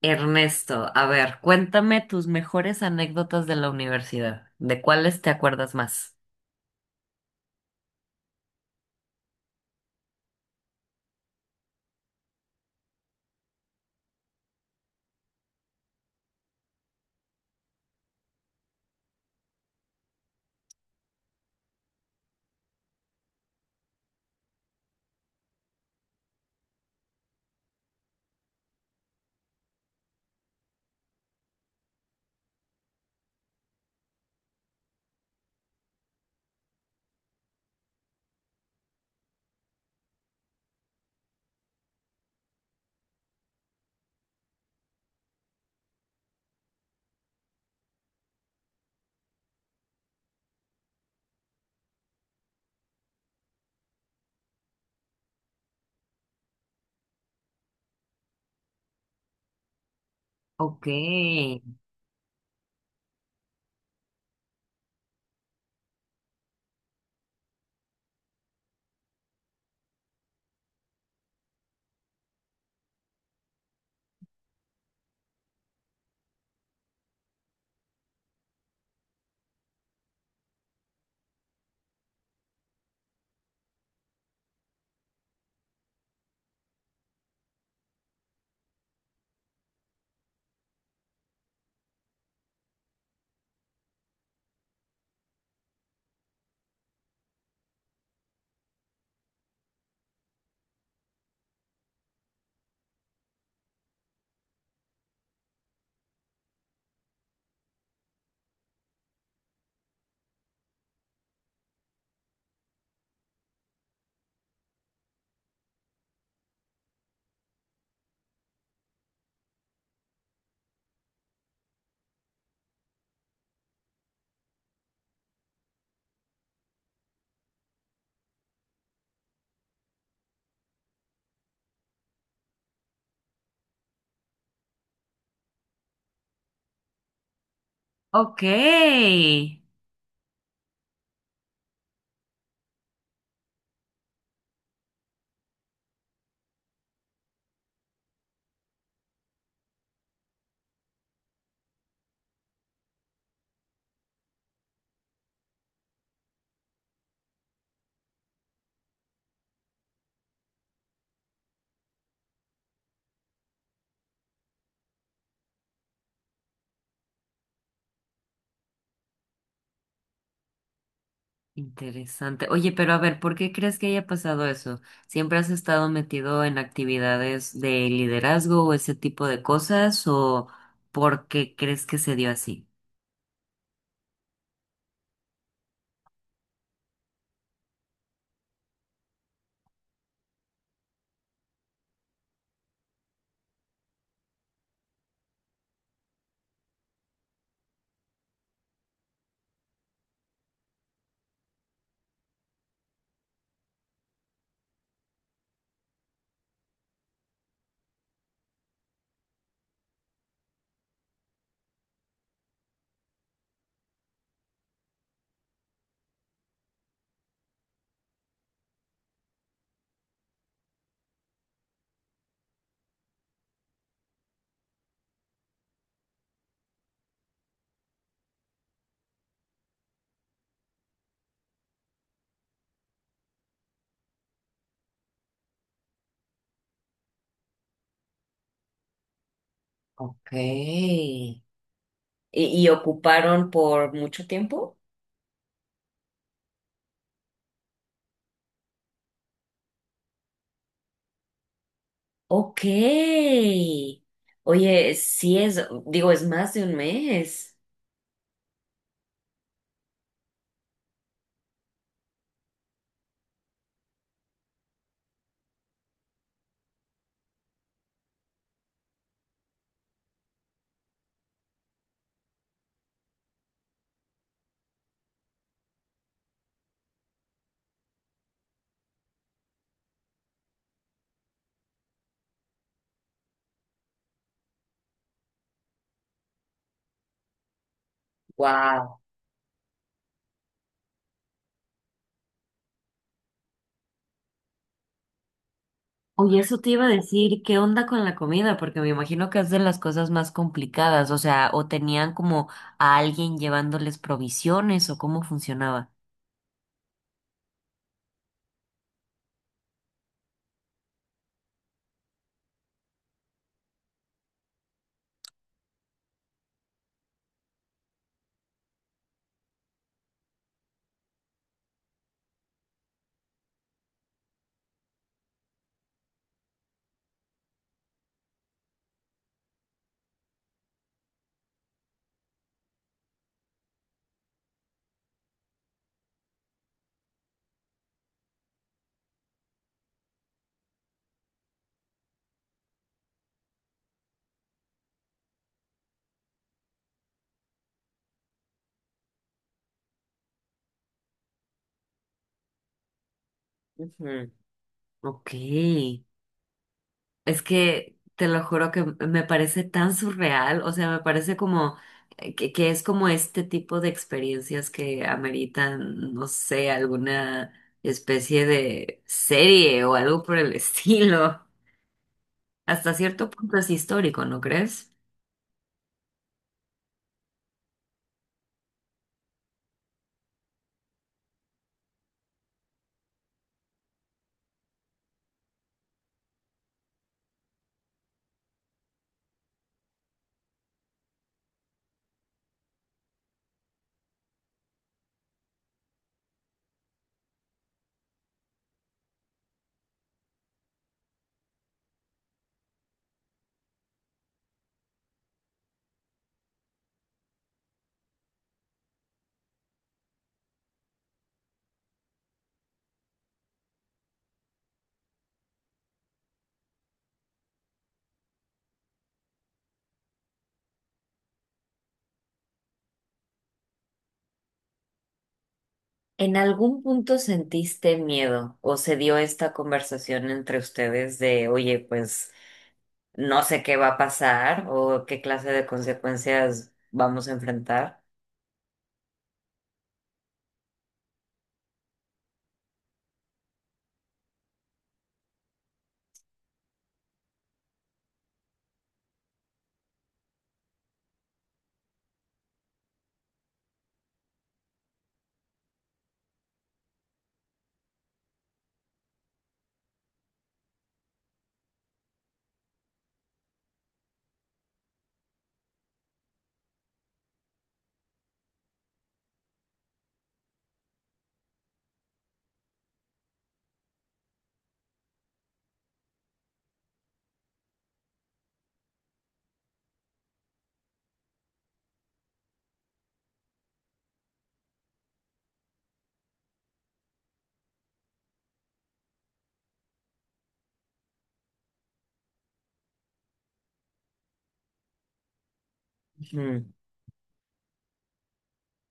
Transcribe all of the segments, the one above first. Ernesto, a ver, cuéntame tus mejores anécdotas de la universidad. ¿De cuáles te acuerdas más? Ok, ok. Interesante. Oye, pero a ver, ¿por qué crees que haya pasado eso? ¿Siempre has estado metido en actividades de liderazgo o ese tipo de cosas? ¿O por qué crees que se dio así? Ok. ¿Y ocuparon por mucho tiempo? Ok. Oye, sí es, digo, es más de un mes. Wow. Oye, eso te iba a decir, ¿qué onda con la comida? Porque me imagino que es de las cosas más complicadas, o sea, o tenían como a alguien llevándoles provisiones o cómo funcionaba. Ujú. Ok. Es que te lo juro que me parece tan surreal, o sea, me parece como que es como este tipo de experiencias que ameritan, no sé, alguna especie de serie o algo por el estilo. Hasta cierto punto es histórico, ¿no crees? ¿En algún punto sentiste miedo o se dio esta conversación entre ustedes de, oye, pues no sé qué va a pasar o qué clase de consecuencias vamos a enfrentar?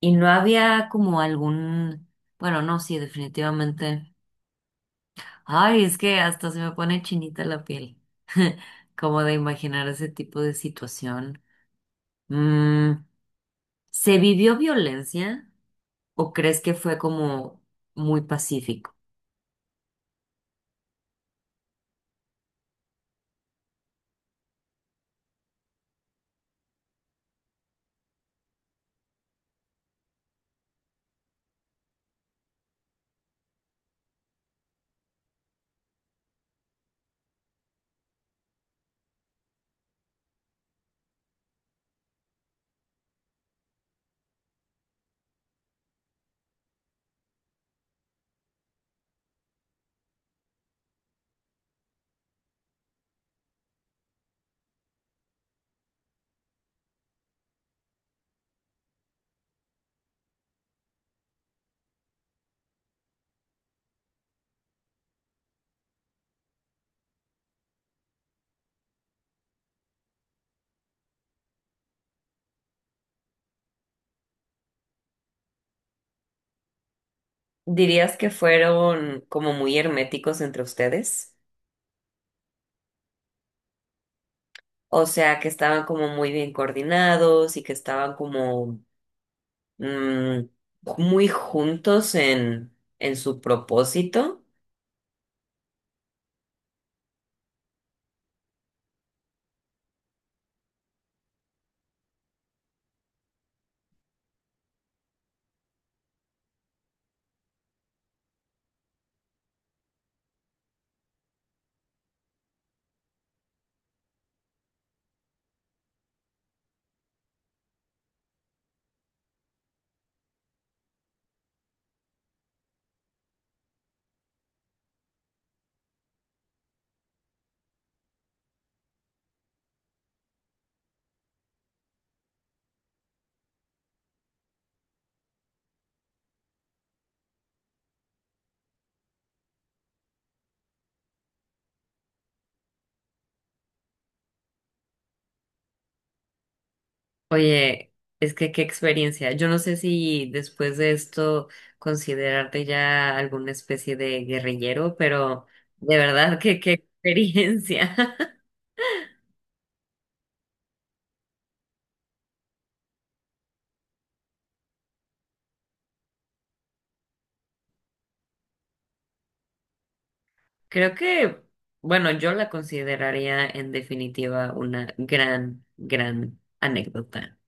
Y no había como algún, bueno, no, sí, definitivamente. Ay, es que hasta se me pone chinita la piel, como de imaginar ese tipo de situación. Mm, ¿se vivió violencia o crees que fue como muy pacífico? ¿Dirías que fueron como muy herméticos entre ustedes? O sea, que estaban como muy bien coordinados y que estaban como mm, muy juntos en su propósito. Oye, es que qué experiencia. Yo no sé si después de esto considerarte ya alguna especie de guerrillero, pero de verdad que qué experiencia. Creo que, bueno, yo la consideraría en definitiva una gran, gran anécdota.